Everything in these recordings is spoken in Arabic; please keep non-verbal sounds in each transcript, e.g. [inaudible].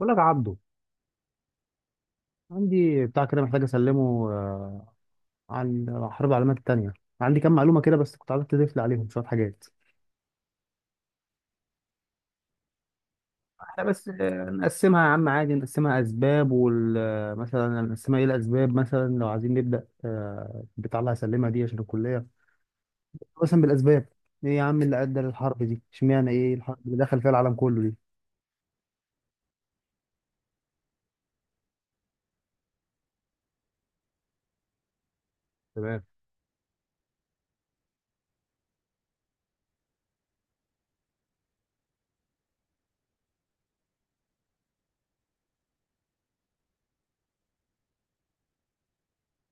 بقول لك يا عبده، عندي بتاع كده محتاج اسلمه، عن حرب العالمية التانية. عندي كام معلومة كده بس كنت عايزك تضيف لي عليهم شوية حاجات. احنا بس نقسمها يا عم، عادي نقسمها اسباب وال آه، مثلا نقسمها، ايه الاسباب؟ مثلا لو عايزين نبدا، بتاع اللي هسلمها دي عشان الكليه، مثلا بالاسباب. ايه يا عم اللي ادى للحرب دي؟ اشمعنى ايه الحرب اللي دخل فيها العالم كله دي؟ تمام.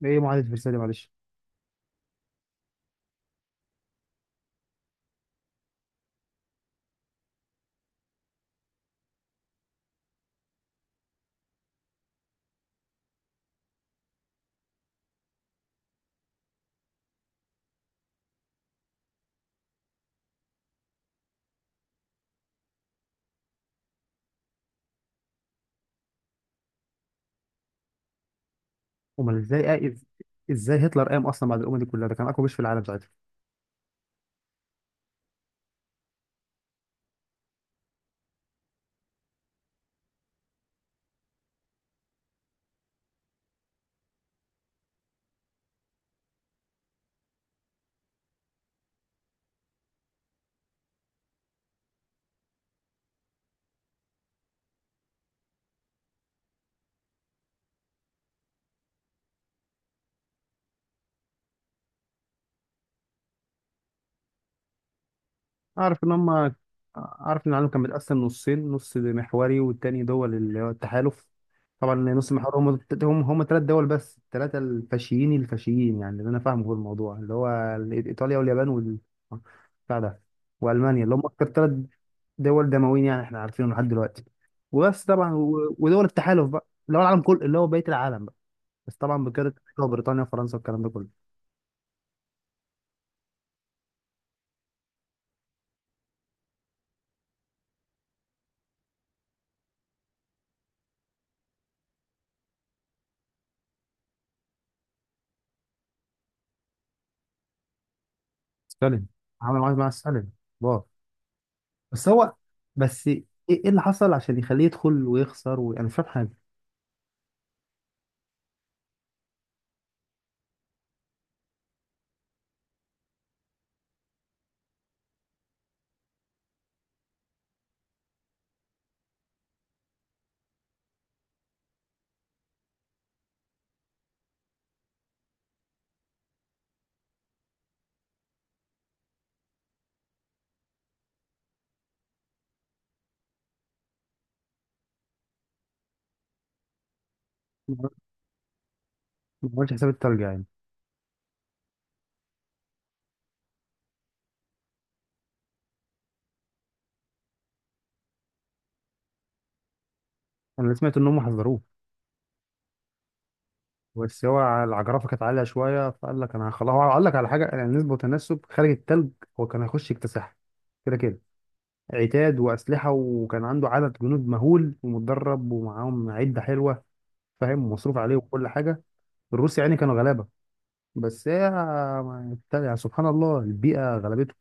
ايه معاهده فرساي دي، معلش؟ امال ازاي، ازاي هتلر قام اصلا بعد الامم دي كلها؟ ده كان اقوى جيش في العالم. اعرف ان هم، اعرف ان العالم كان متقسم نصين، نص محوري والتاني دول اللي هو التحالف. طبعا نص محوري هم ثلاث دول بس، الثلاثه الفاشيين الفاشيين، يعني اللي انا فاهمه في الموضوع اللي هو ايطاليا واليابان وال بتاع ده، والمانيا، اللي هم اكتر ثلاث دول دمويين يعني، احنا عارفينهم لحد دلوقتي وبس. طبعا ودول التحالف بقى اللي هو العالم كله، اللي هو بقيه العالم بقى، بس طبعا بقياده أمريكا وبريطانيا وفرنسا والكلام ده كله. سالم. عملوا معاك مع سالم. بس هو، بس ايه، إيه اللي حصل عشان يخليه يدخل ويخسر؟ وانا مش فاهم حاجه. ما ما عملش حساب الترجع يعني. انا اللي سمعت ان هم حذروه، بس هو العجرفه كانت عاليه شويه، فقال لك انا خلاص. هو قال لك على حاجه يعني نسبه وتناسب خارج التلج. هو كان هيخش يكتسحها كده كده. عتاد واسلحه، وكان عنده عدد جنود مهول ومتدرب، ومعاهم عده حلوه فاهم، ومصروف عليه وكل حاجه. الروس يعني كانوا غلابه. بس هي، يعني سبحان الله البيئه غلبته.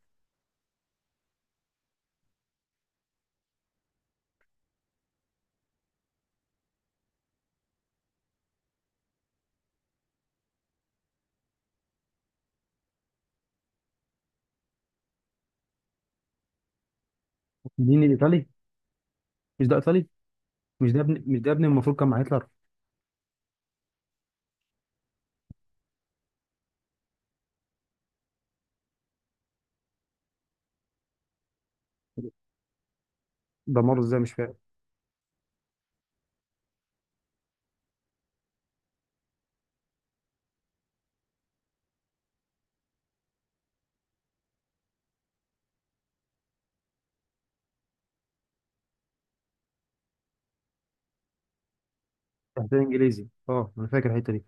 مين الايطالي؟ مش ده ايطالي؟ مش ده ابن، مش ده ابن المفروض كان مع هتلر؟ دمره ازاي، مش فاكر؟ تحت انجليزي، اه انا فاكر الحته دي.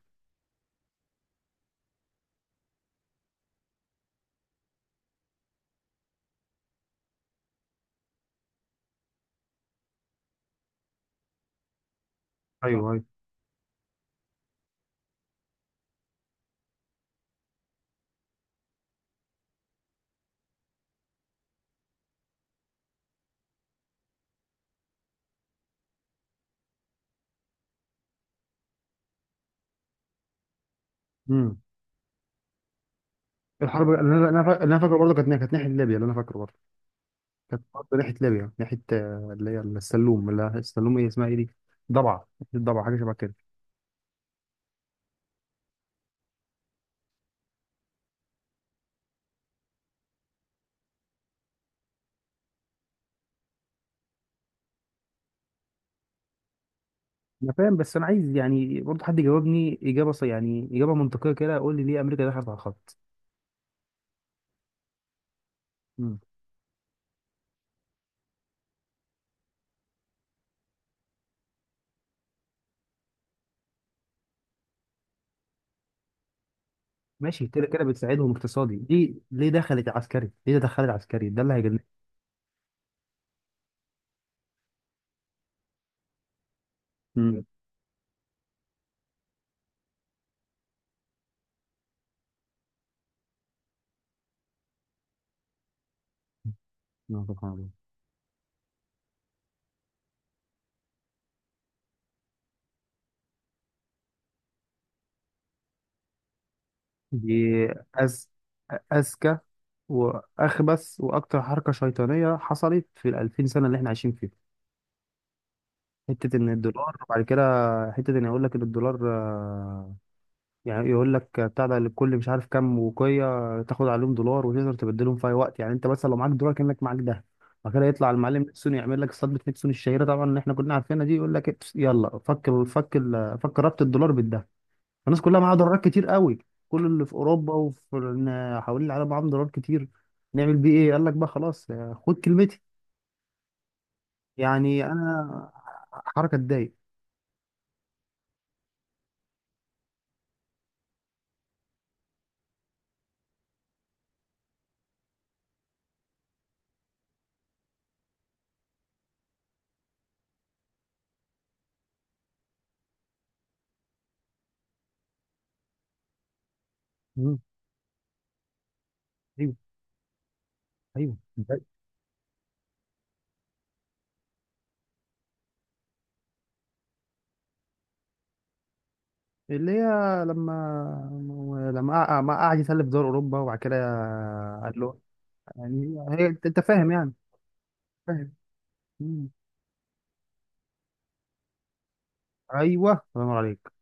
ايوه ايوه. امم. الحرب اللي انا اللي أنا فاكره برضه كانت كانت ناحيه ليبيا، اللي انا فاكره برضه كانت برضه ناحيه ليبيا، ناحيه، اللي هي السلوم، السلوم، ايه اسمها ايه دي؟ ضبعه، ناحية ضبعه، حاجه شبه كده. انا فاهم، بس انا عايز يعني برضه حد يجاوبني اجابه، يعني اجابه منطقيه كده، يقول لي ليه امريكا دخلت على الخط؟ امم. ماشي، كده كده بتساعدهم اقتصادي، ليه؟ ليه دخلت عسكري؟ ليه دخلت عسكري؟ ده اللي هيجنني. امم. سبحان الله. دي أز... أذكى وأخبث وأكتر حركة شيطانية حصلت في 2000 سنة اللي إحنا عايشين فيها. حتة إن الدولار وبعد كده، حتة إن يقول لك إن الدولار، يعني يقول لك بتاع ده، لكل مش عارف كام وقية تاخد عليهم دولار، وتقدر تبدلهم في أي وقت. يعني أنت مثلا لو معاك دولار كأنك معاك ده. بعد كده يطلع المعلم نيكسون يعمل لك صدمة نيكسون الشهيرة طبعا اللي إحنا كلنا عارفينها دي، يقول لك إيه، يلا فك فك ربط الدولار بالذهب. الناس كلها معاها دولارات كتير قوي. كل اللي في اوروبا وفي حوالين العالم معاهم دولارات كتير. نعمل بيه ايه؟ قال لك بقى خلاص، خد كلمتي. يعني انا حركه تضايق. مم. ايوه ايوه اللي هي، لما، ما قعد يسلف دول اوروبا وبعد كده قال له، يعني هي انت، أنت فاهم يعني، فاهم. مم. ايوه الله ينور عليك.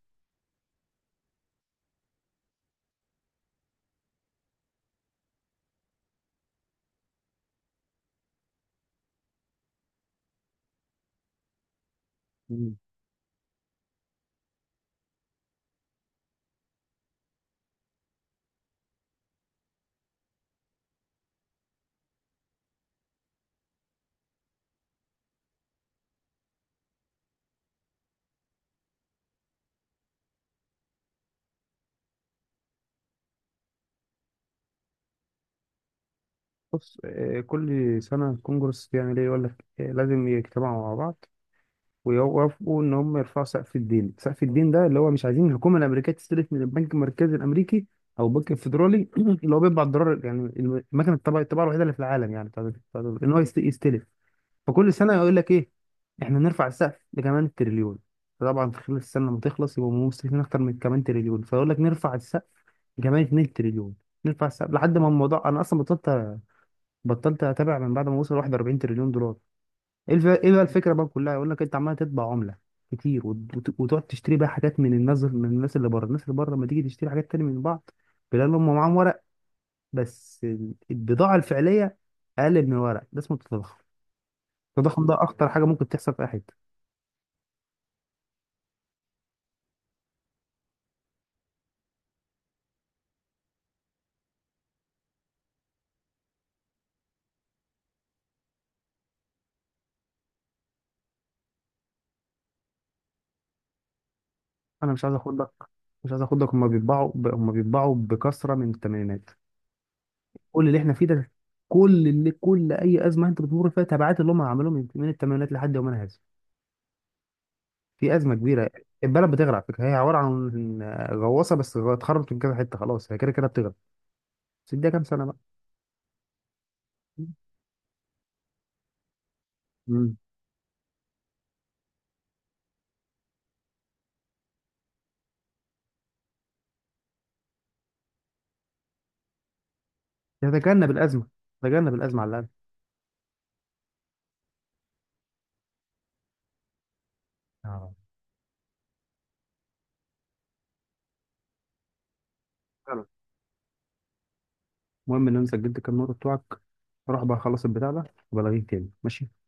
مم. بص، كل سنه الكونجرس بيعمل ايه؟ يقول لك، لازم يجتمعوا مع بعض ويوافقوا ان هم يرفعوا سقف الدين. سقف الدين ده اللي هو مش عايزين الحكومه الامريكيه تستلف من البنك المركزي الامريكي او البنك الفيدرالي [clears throat] اللي هو بيطبع الدولار، يعني المكنه الطبع الطباعه الوحيده اللي في العالم، يعني ان هو يستلف. فكل سنه يقول لك ايه، احنا نرفع السقف لكمان تريليون. فطبعا في خلال السنه لما تخلص يبقوا مستلفين اكتر من كمان تريليون، فيقول لك نرفع السقف لكمان 2 تريليون، نرفع السقف لحد ما الموضوع انا اصلا بطلت، بطلت اتابع من بعد ما وصل 41 تريليون دولار. إيه بقى الفكره بقى كلها؟ يقول لك انت عمال تطبع عمله كتير، وتقعد تشتري بقى حاجات من الناس، من الناس اللي بره. الناس اللي بره لما تيجي تشتري حاجات تاني من بعض، بيلاقي إن هم معاهم ورق، بس البضاعه الفعليه اقل من الورق. ده اسمه التضخم. التضخم ده اخطر حاجه ممكن تحصل في اي حته. انا مش عايز اخدك، مش عايز اخدك. هم هم بيطبعوا بكثره من الثمانينات. كل اللي احنا فيه ده، كل اللي، كل اي ازمه انت بتمر فيها تبعات اللي هم عملوهم من الثمانينات لحد يومنا هذا. في ازمه كبيره. البلد بتغرق على فكره، هي عباره عن غواصه بس اتخربت من كذا حته، خلاص هي كده كده بتغرق، بس اديها كام سنه بقى. امم. تتجنب الازمه، تتجنب الازمه على الاقل. آه. فعلا. المهم ان انا سجلت كام نقطه بتوعك، روح بقى خلص البتاع ده وبلغيك تاني، ماشي.